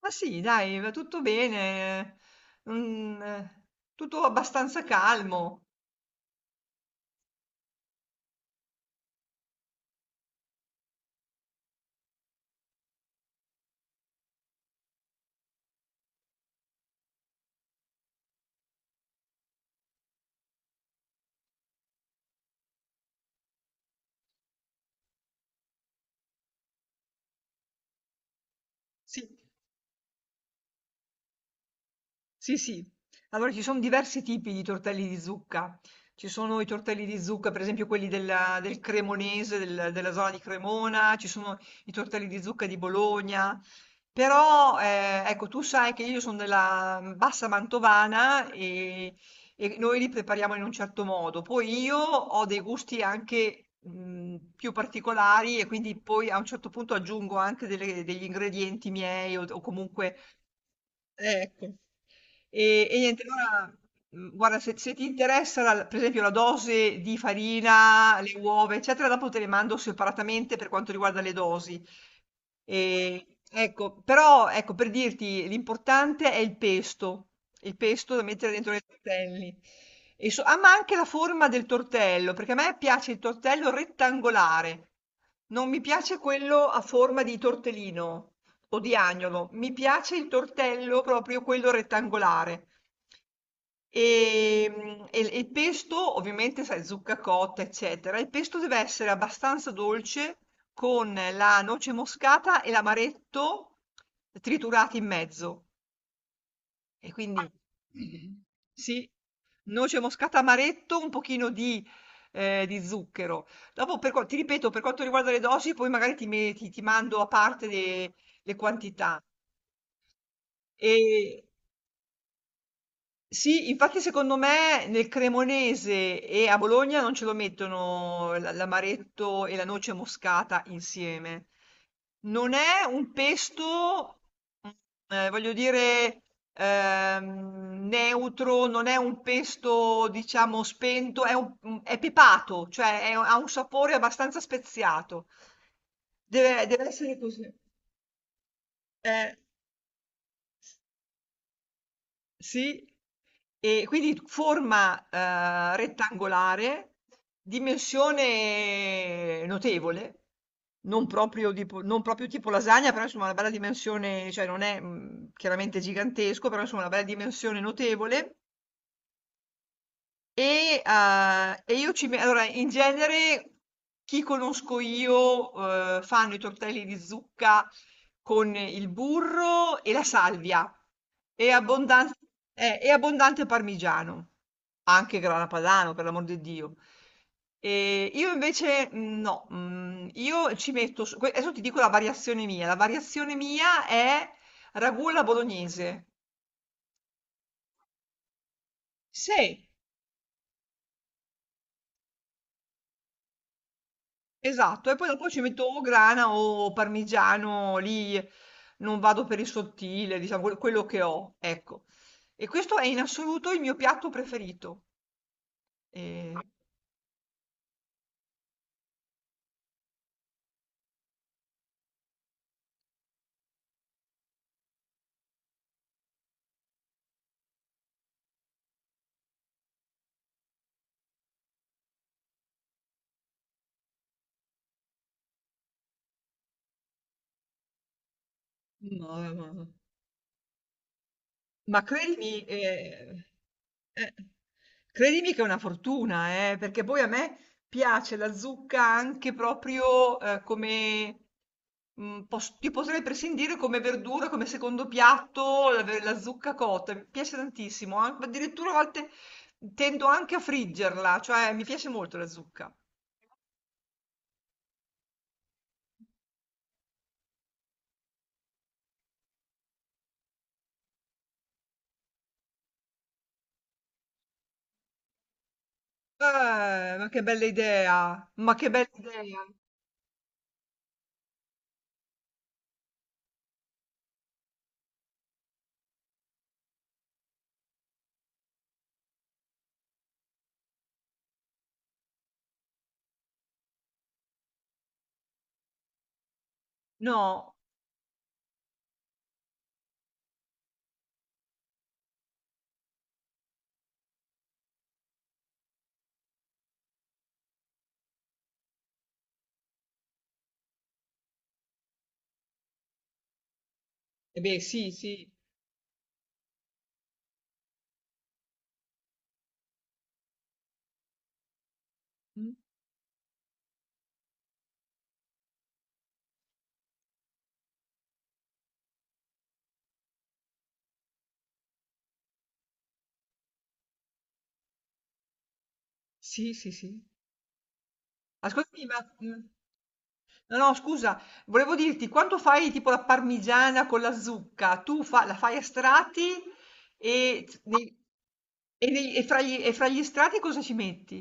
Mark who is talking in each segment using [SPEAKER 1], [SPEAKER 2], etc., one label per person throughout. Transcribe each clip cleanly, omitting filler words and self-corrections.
[SPEAKER 1] Ma sì, dai, va tutto bene, mhmm, tutto abbastanza calmo. Sì. Sì, sì. Allora ci sono diversi tipi di tortelli di zucca. Ci sono i tortelli di zucca, per esempio del Cremonese, della zona di Cremona, ci sono i tortelli di zucca di Bologna. Però, ecco, tu sai che io sono della bassa mantovana e noi li prepariamo in un certo modo. Poi io ho dei gusti anche più particolari e quindi poi a un certo punto aggiungo anche degli ingredienti miei o comunque... Ecco. E niente, allora, guarda, se ti interessa, per esempio, la dose di farina, le uova, eccetera, dopo te le mando separatamente per quanto riguarda le dosi. E, ecco, però, ecco, per dirti, l'importante è il pesto da mettere dentro nei tortelli. Ah, ma anche la forma del tortello, perché a me piace il tortello rettangolare, non mi piace quello a forma di tortellino o di agnolo. Mi piace il tortello, proprio quello rettangolare. E, mm, e il pesto, ovviamente, sai, zucca cotta, eccetera. Il pesto deve essere abbastanza dolce con la noce moscata e l'amaretto triturati in mezzo. E quindi, mhm, sì, noce moscata, amaretto, un pochino di zucchero. Dopo, ti ripeto, per quanto riguarda le dosi, poi magari ti mando a parte le quantità. Ehm, sì, infatti secondo me nel cremonese e a Bologna non ce lo mettono l'amaretto e la noce moscata insieme. Non è un pesto, mhmm, voglio dire, neutro, non è un pesto diciamo spento, è un mhmm, è pepato, cioè è ha un sapore abbastanza speziato. Deve essere così. Eh. Sì, e quindi forma, rettangolare, dimensione notevole, non proprio tipo lasagna, però insomma una bella dimensione, cioè non è, mhmm, chiaramente gigantesco, però insomma una bella dimensione notevole. E io ci me allora in genere chi conosco io, fanno i tortelli di zucca con il burro e la salvia e abbondan e abbondante parmigiano, anche grana padano per l'amor di Dio. Io invece no, mhmm, io ci metto s que adesso ti dico la variazione mia. La variazione mia è ragù alla bolognese. Sì. Esatto, e poi dopo ci metto o grana o parmigiano, lì non vado per il sottile, diciamo quello che ho, ecco. E questo è in assoluto il mio piatto preferito. E... No, no, no. Ma credimi, eh, credimi che è una fortuna, perché poi a me piace la zucca anche proprio, come mhmm, pos ti potrei prescindere come verdura, come secondo piatto, la zucca cotta, mi piace tantissimo, an addirittura a volte tendo anche a friggerla, cioè mi piace molto la zucca. Ma che bella idea, ma che bella idea. No. Eh beh, sì, sì. Mh. Sì, sì, sì. Ascoltami, ma mhmm, no, no scusa, volevo dirti, quando fai tipo la parmigiana con la zucca, tu fa la fai a strati e z nei e fra gli strati cosa ci metti?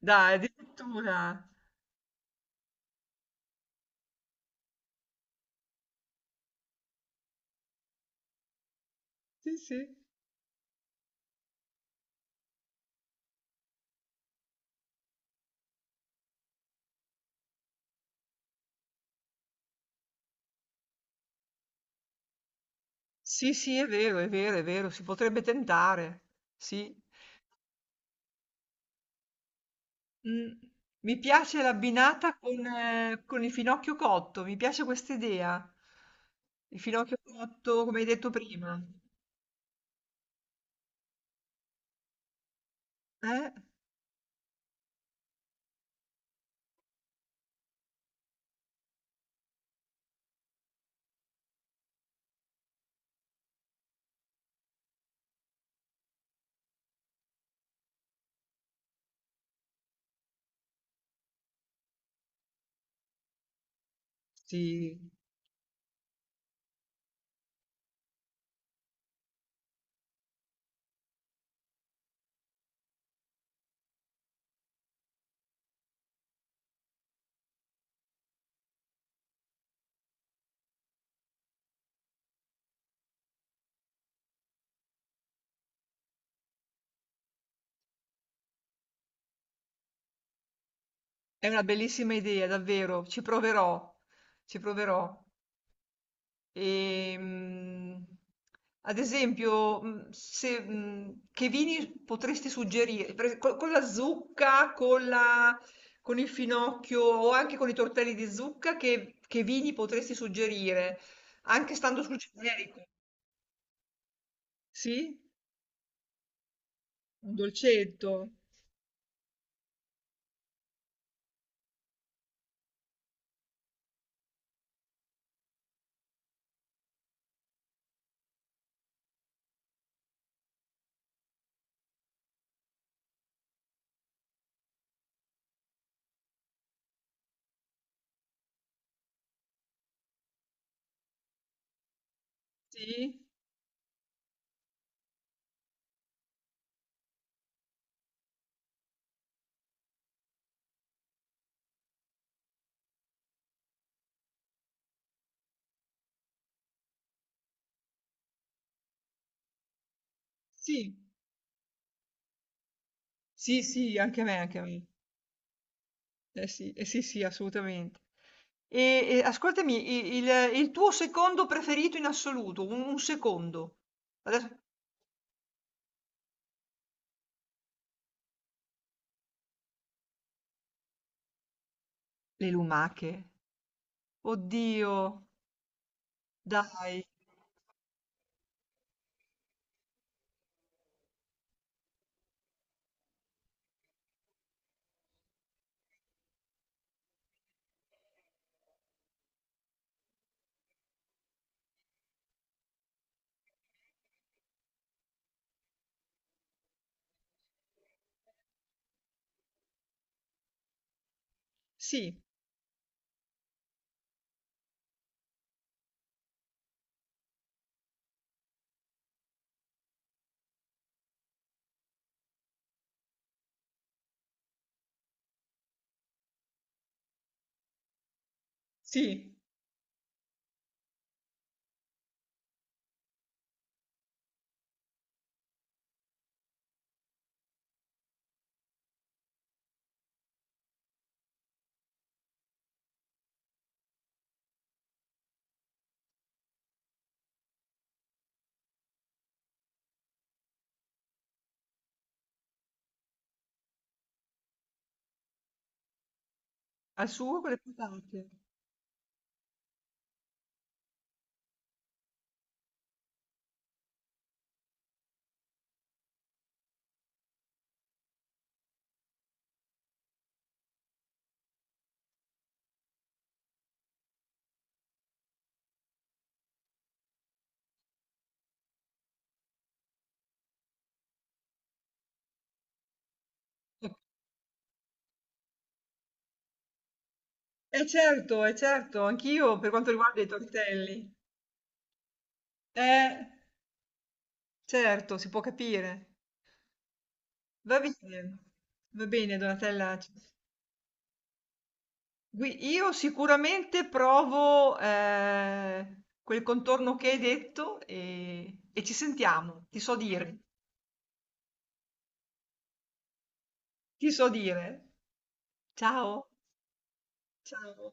[SPEAKER 1] Dai, addirittura. Sì, sì. Sì, sì, è vero, è vero, è vero, si potrebbe tentare. Sì. Mh, mi piace l'abbinata con il finocchio cotto, mi piace questa idea. Il finocchio cotto, come hai detto prima. Eh? Sì. È una bellissima idea, davvero, ci proverò, ci proverò. Ehm, ad esempio, se, che vini potresti suggerire? Con, la zucca, con il finocchio o anche con i tortelli di zucca, che vini potresti suggerire? Anche stando sul generico. Sì? Un dolcetto? Sì? Sì, sì, sì, anche a me, anche a me. Sì, eh sì, sì, assolutamente. E ascoltami, il tuo secondo preferito in assoluto, un secondo. Adesso- Le lumache. Oddio, dai. Sì, sì, al suo con le patate. Certo, eh certo, anch'io per quanto riguarda i tortelli. Eh, certo, si può capire. Va bene, va bene, Donatella. Gui- Io sicuramente provo quel contorno che hai detto e ci sentiamo, ti so dire, ti so dire. Ciao, ciao.